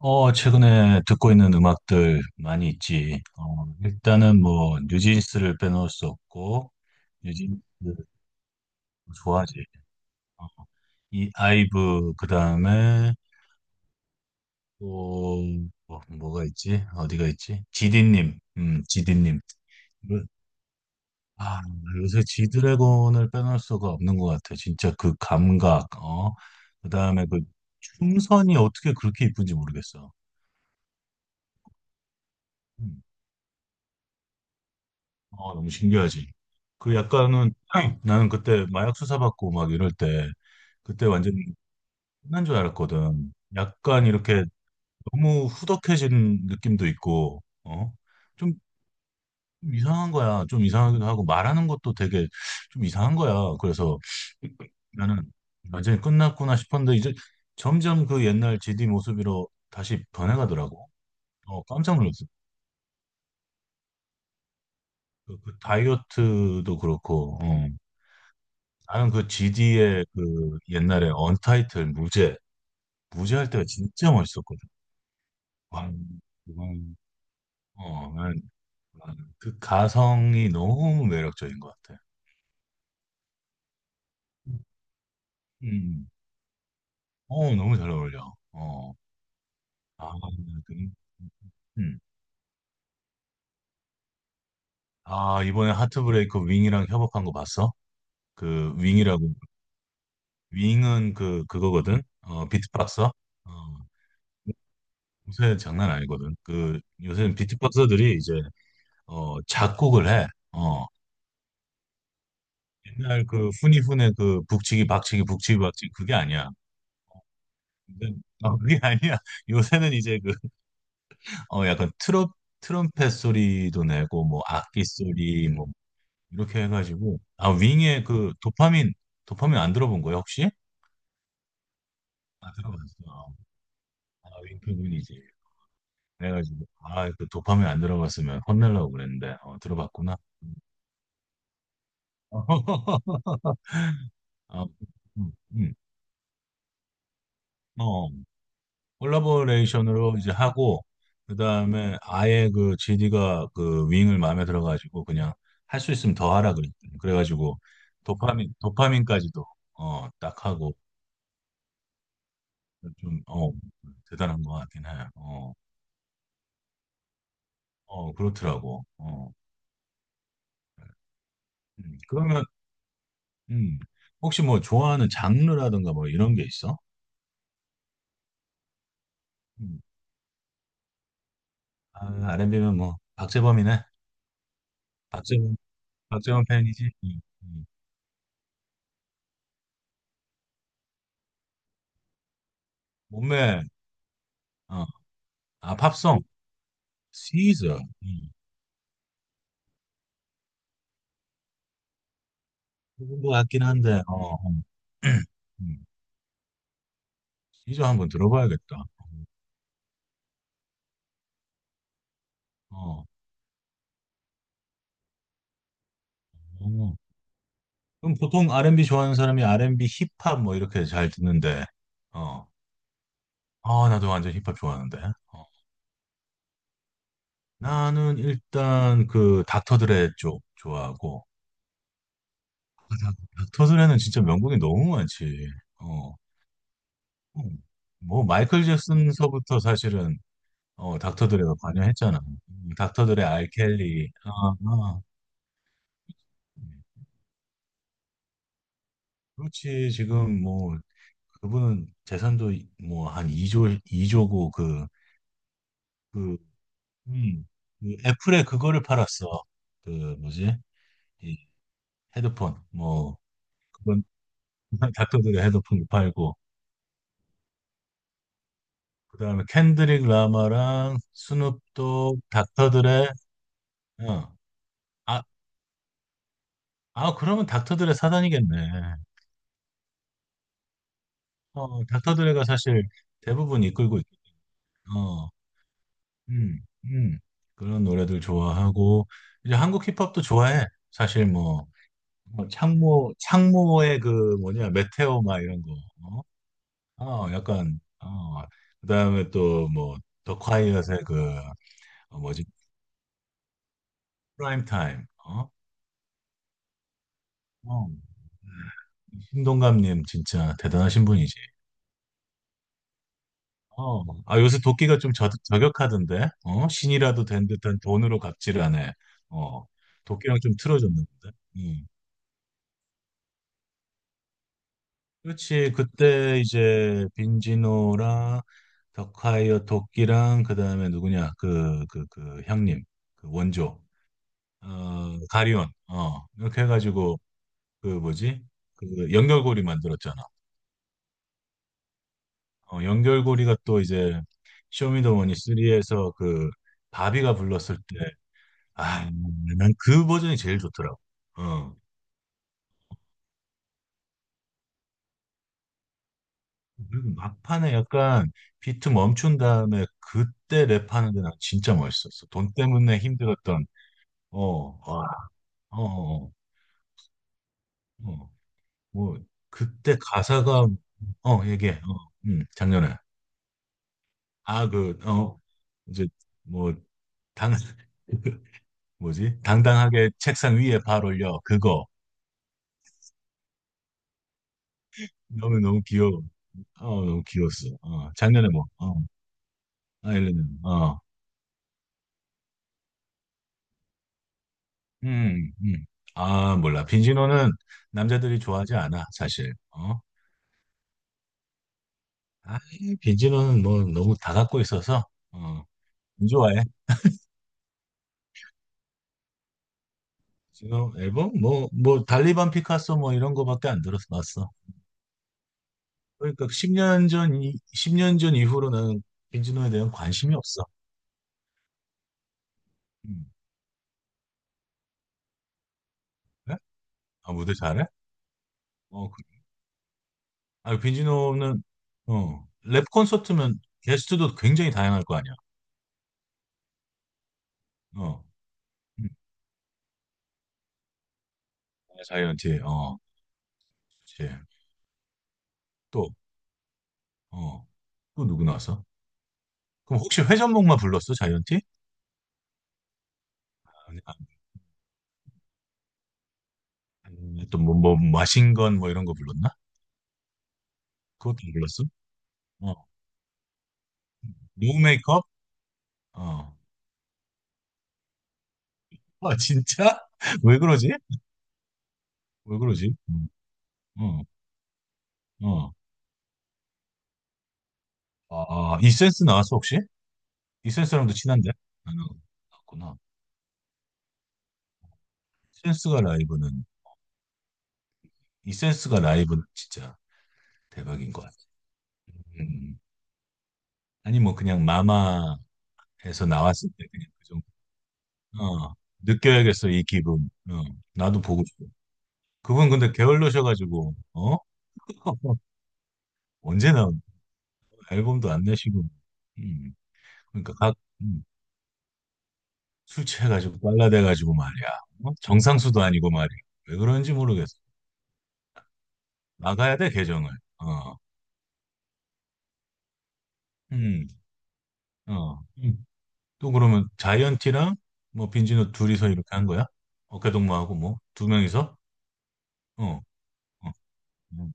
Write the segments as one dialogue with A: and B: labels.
A: 최근에 듣고 있는 음악들 많이 있지. 일단은 뭐, 뉴진스를 빼놓을 수 없고, 뉴진스 좋아하지. 어, 이 아이브, 그 다음에 또, 뭐, 뭐가 있지? 어디가 있지? 지디님, 지디님. 요- 아, 요새 지드래곤을 빼놓을 수가 없는 것 같아. 진짜 그 감각, 그 다음에 그 춤선이 어떻게 그렇게 이쁜지 모르겠어. 음. 너무 신기하지. 그 약간은 나는 그때 마약 수사받고 막 이럴 때 그때 완전 끝난 줄 알았거든. 약간 이렇게 너무 후덕해진 느낌도 있고, 어? 좀 이상한 거야. 좀 이상하기도 하고 말하는 것도 되게 좀 이상한 거야. 그래서 나는 완전히 끝났구나 싶었는데 이제 점점 그 옛날 GD 모습으로 다시 변해가더라고. 깜짝 놀랐어. 그 다이어트도 그렇고. 나는 그 GD의 그 옛날에 언타이틀 무제 무제 할 때가 진짜 멋있었거든. 와, 이건 어, 난, 난그 가성이 너무 매력적인 것 같아. 음, 음. 너무 잘 어울려. 아, 그, 음. 아, 이번에 하트브레이크 윙이랑 협업한 거 봤어? 그 윙이라고 윙은 그거거든. 비트박서. 어, 요새 장난 아니거든. 그 요새는 비트박서들이 이제 작곡을 해. 어, 옛날 그 후니훈의 그 북치기 박치기 북치기 박치기 그게 아니야. 근데- 그게 아니야. 요새는 이제 그 약간 트롯 트럼펫 소리도 내고 뭐 악기 소리 뭐 이렇게 해가지고 윙의 그 도파민 도파민 안 들어본 거야, 혹시? 들어봤어. 어, 윙크군이지. 그래가지고 그 도파민 안 들어봤으면 혼내려고 그랬는데 들어봤구나. 어, 음, 음. 어, 어. 콜라보레이션으로 이제 하고 그다음에 아예 그 GD가 그 윙을 마음에 들어가지고 그냥 할 수 있으면 더 하라 그랬 그래가지고 도파민 도파민까지도 딱 하고 좀 대단한 것 같긴 해. 어, 그렇더라고. 그러면 음 혹시 뭐 좋아하는 장르라든가 뭐 이런 게 있어? 음, R&B면 뭐 박재범이네. 박재범 박재범 팬이지. 몸매 어아 팝송 시저 부분 것 같긴 한데, 음, 이제 한번 들어봐야겠다. 어, 어. 그럼 보통 R&B 좋아하는 사람이 R&B 힙합 뭐 이렇게 잘 듣는데, 어, 나도 완전 힙합 좋아하는데. 어. 나는 일단 그 닥터 드레 쪽 좋아하고, 닥터 드레는 진짜 명곡이 너무 많지. 어, 음. 뭐 마이클 잭슨서부터 사실은 닥터 드레가 관여했잖아. 닥터 드레, 알 켈리, 음. 그렇지. 지금 뭐 그분은 재산도 뭐 한 2조 2조고 그 그 음, 그 애플에 그거를 팔았어. 그 뭐지? 이 헤드폰 뭐 그건 닥터들의 헤드폰을 팔고 그다음에 켄드릭 라마랑 스눕독 닥터들의 어, 아, 그러면 닥터들의 사단이겠네. 닥터들의가 사실 대부분 이끌고 있, 어 음, 음. 그런 노래들 좋아하고 이제 한국 힙합도 좋아해. 사실 뭐, 창모의 그 뭐냐 메테오 막 이런 거. 어, 약간 그다음에 또 뭐 더 콰이엇의 그, 뭐지? 프라임 타임. 어 신동갑님 진짜 대단하신 분이지. 요새 도끼가 좀 저격하던데. 신이라도 된 듯한 돈으로 갑질하네. 어, 도끼랑 좀 틀어졌는데. 그렇지. 그때 이제 빈지노랑 덕하이어 도끼랑 그다음에 누구냐? 그 형님. 그 원조. 가리온. 이렇게 해 가지고 그 뭐지? 그 연결고리 만들었잖아. 연결고리가 또 이제 쇼미더머니 3에서 그 바비가 불렀을 때, 아, 난 그 버전이 제일 좋더라고. 어. 그리고 막판에 약간 비트 멈춘 다음에 그때 랩하는 게 난 진짜 멋있었어. 돈 때문에 힘들었던. 어, 와, 어, 어, 어, 뭐 그때 가사가 얘기해. 작년에 아 그 어 이제 뭐 당, 뭐지? 당당하게 책상 위에 발 올려. 그거. 너무 너무 귀여워. 너무 귀여웠어. 작년에 뭐, 아일랜드. 음, 음. 아, 몰라. 빈지노는 남자들이 좋아하지 않아, 사실. 어? 아, 빈지노는 뭐 너무 다 갖고 있어서, 어, 안 좋아해. 지노 앨범? 뭐, 달리반 피카소 뭐 이런 거밖에 안 들어봤어. 그러니까 10년 전, 10년 전 이후로는 빈지노에 대한 관심이 없어. 음. 그래? 아, 무대 잘해? 어, 그- 빈지노는, 랩 콘서트면 게스트도 굉장히 다양할 거 아니야. 어, 음. 자이언티, 그치. 어. 또 누구 나왔어? 그럼 혹시 회 전목만 불렀어? 자이언티? 아니, 니 또 뭐, 마신건 뭐 이런 거 불렀나? 그것도 안 불렀어? 어. 노 메이크업? 어. 아, 진짜? 왜 그러지? 왜 그러지? 어, 어. 아, 이센스 나왔어, 혹시? 이센스랑도 친한데? 아, 나왔구나. 이센스가 라이브는, 이센스가 라이브는 진짜 대박인 것 같아. 음. 음. 아니, 뭐, 그냥 마마에서 나왔을 때 그냥 그 정도. 어. 느껴야겠어, 이 기분. 나도 보고 싶어. 그분 근데 게을르셔가지고 어? 언제 나온. 앨범도 안 내시고. 음, 그러니까 각. 음, 술 취해가지고 빨라대가지고 말이야. 어? 정상수도 아니고 말이야. 왜 그런지 모르겠어. 나가야 돼 계정을. 어, 음, 어, 음. 또 그러면 자이언티랑 뭐 빈지노 둘이서 이렇게 한 거야? 어깨동무하고 뭐 두 명이서? 어, 어, 어,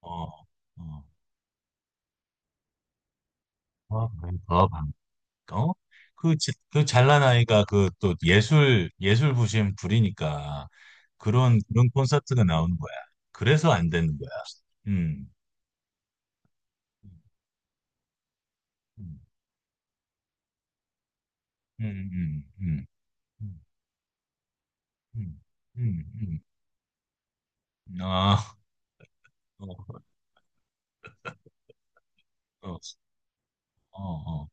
A: 어, 어, 어. 아, 어? 그, 그 잘난 아이가 그 또 예술 부심 부리니까 그런 콘서트가 나오는 거야. 그래서 안 되는 거야. 음. 음, 음, 음, 음, 음, 음, 음. 음. 어, 어, 어, 어.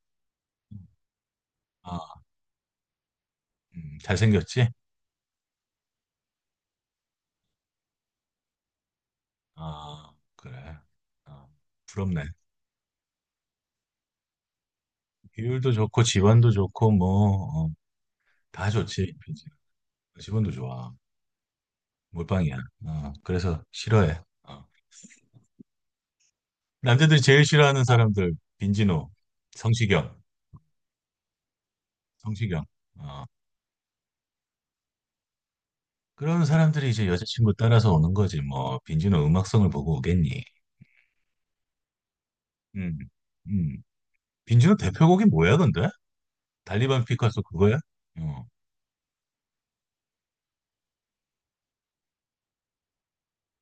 A: 아, 잘생겼지? 아, 그래. 아, 부럽네. 비율도 좋고, 지원도 좋고, 뭐, 다 좋지. 비지. 지원도 좋아. 몰빵이야. 그래서 싫어해. 남자들이 제일 싫어하는 사람들, 빈지노, 성시경, 성시경. 어, 그런 사람들이 이제 여자친구 따라서 오는 거지. 뭐, 빈지노 음악성을 보고 오겠니? 음, 음. 빈지노 대표곡이 뭐야, 근데? 달리반 피카소 그거야? 어,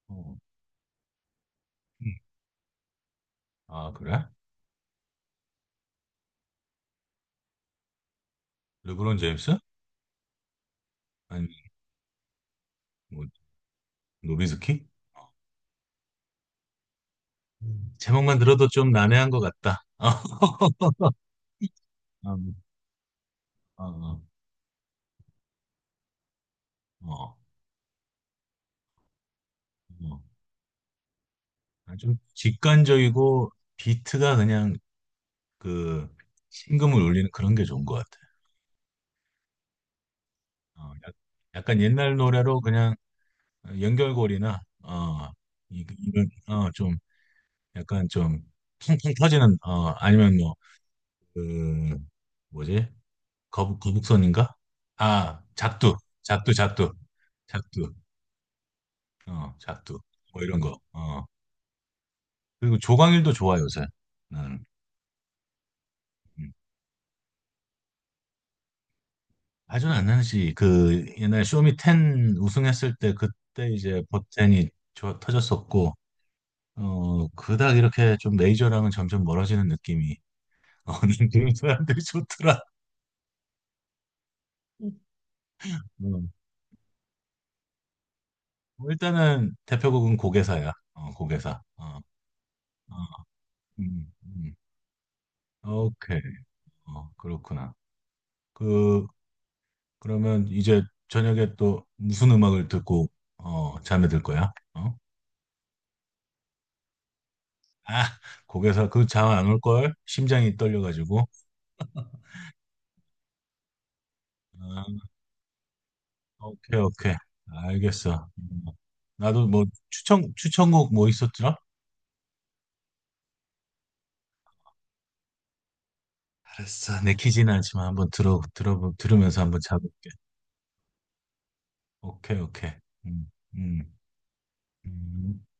A: 어, 음. 아, 그래? 르브론 제임스? 아니, 뭐, 노비스키? 어, 제목만 들어도 좀 난해한 것 같다. 어, 어, 어. 어. 좀 직관적이고 비트가 그냥 그 심금을 울리는 그런 게 좋은 것 같아. 어, 약- 약간 옛날 노래로 그냥 연결고리나, 이런, 좀 약간 좀 퉁퉁 터지는, 아니면 뭐그 뭐지? 거북선인가? 아, 작두. 작두 작두. 작두. 작두. 뭐 이런 거. 그리고 조광일도 좋아 요새. 나는. 음. 아주는 안 나지. 그 옛날 쇼미10 우승했을 때 그때 이제 버텐이 터졌었고. 그닥 이렇게 좀 메이저랑은 점점 멀어지는 느낌이. 어는 그런 사람들이 좋더라. 음. 뭐 일단은 대표곡은 고개사야. 고개사. 어, 음, 음. 오케이. 그렇구나. 그, 그러면 이제 저녁에 또 무슨 음악을 듣고, 잠에 들 거야? 어? 아, 고개사 그 잠 안 올 걸? 심장이 떨려가지고. 아, 오케이, 오케이. 알겠어. 음. 나도 뭐 추천곡 뭐 있었더라? 알았어. 내키지는 않지만 한번 들으면서 한번 잡을게. 오케이, 오케이. 음, 음, 음.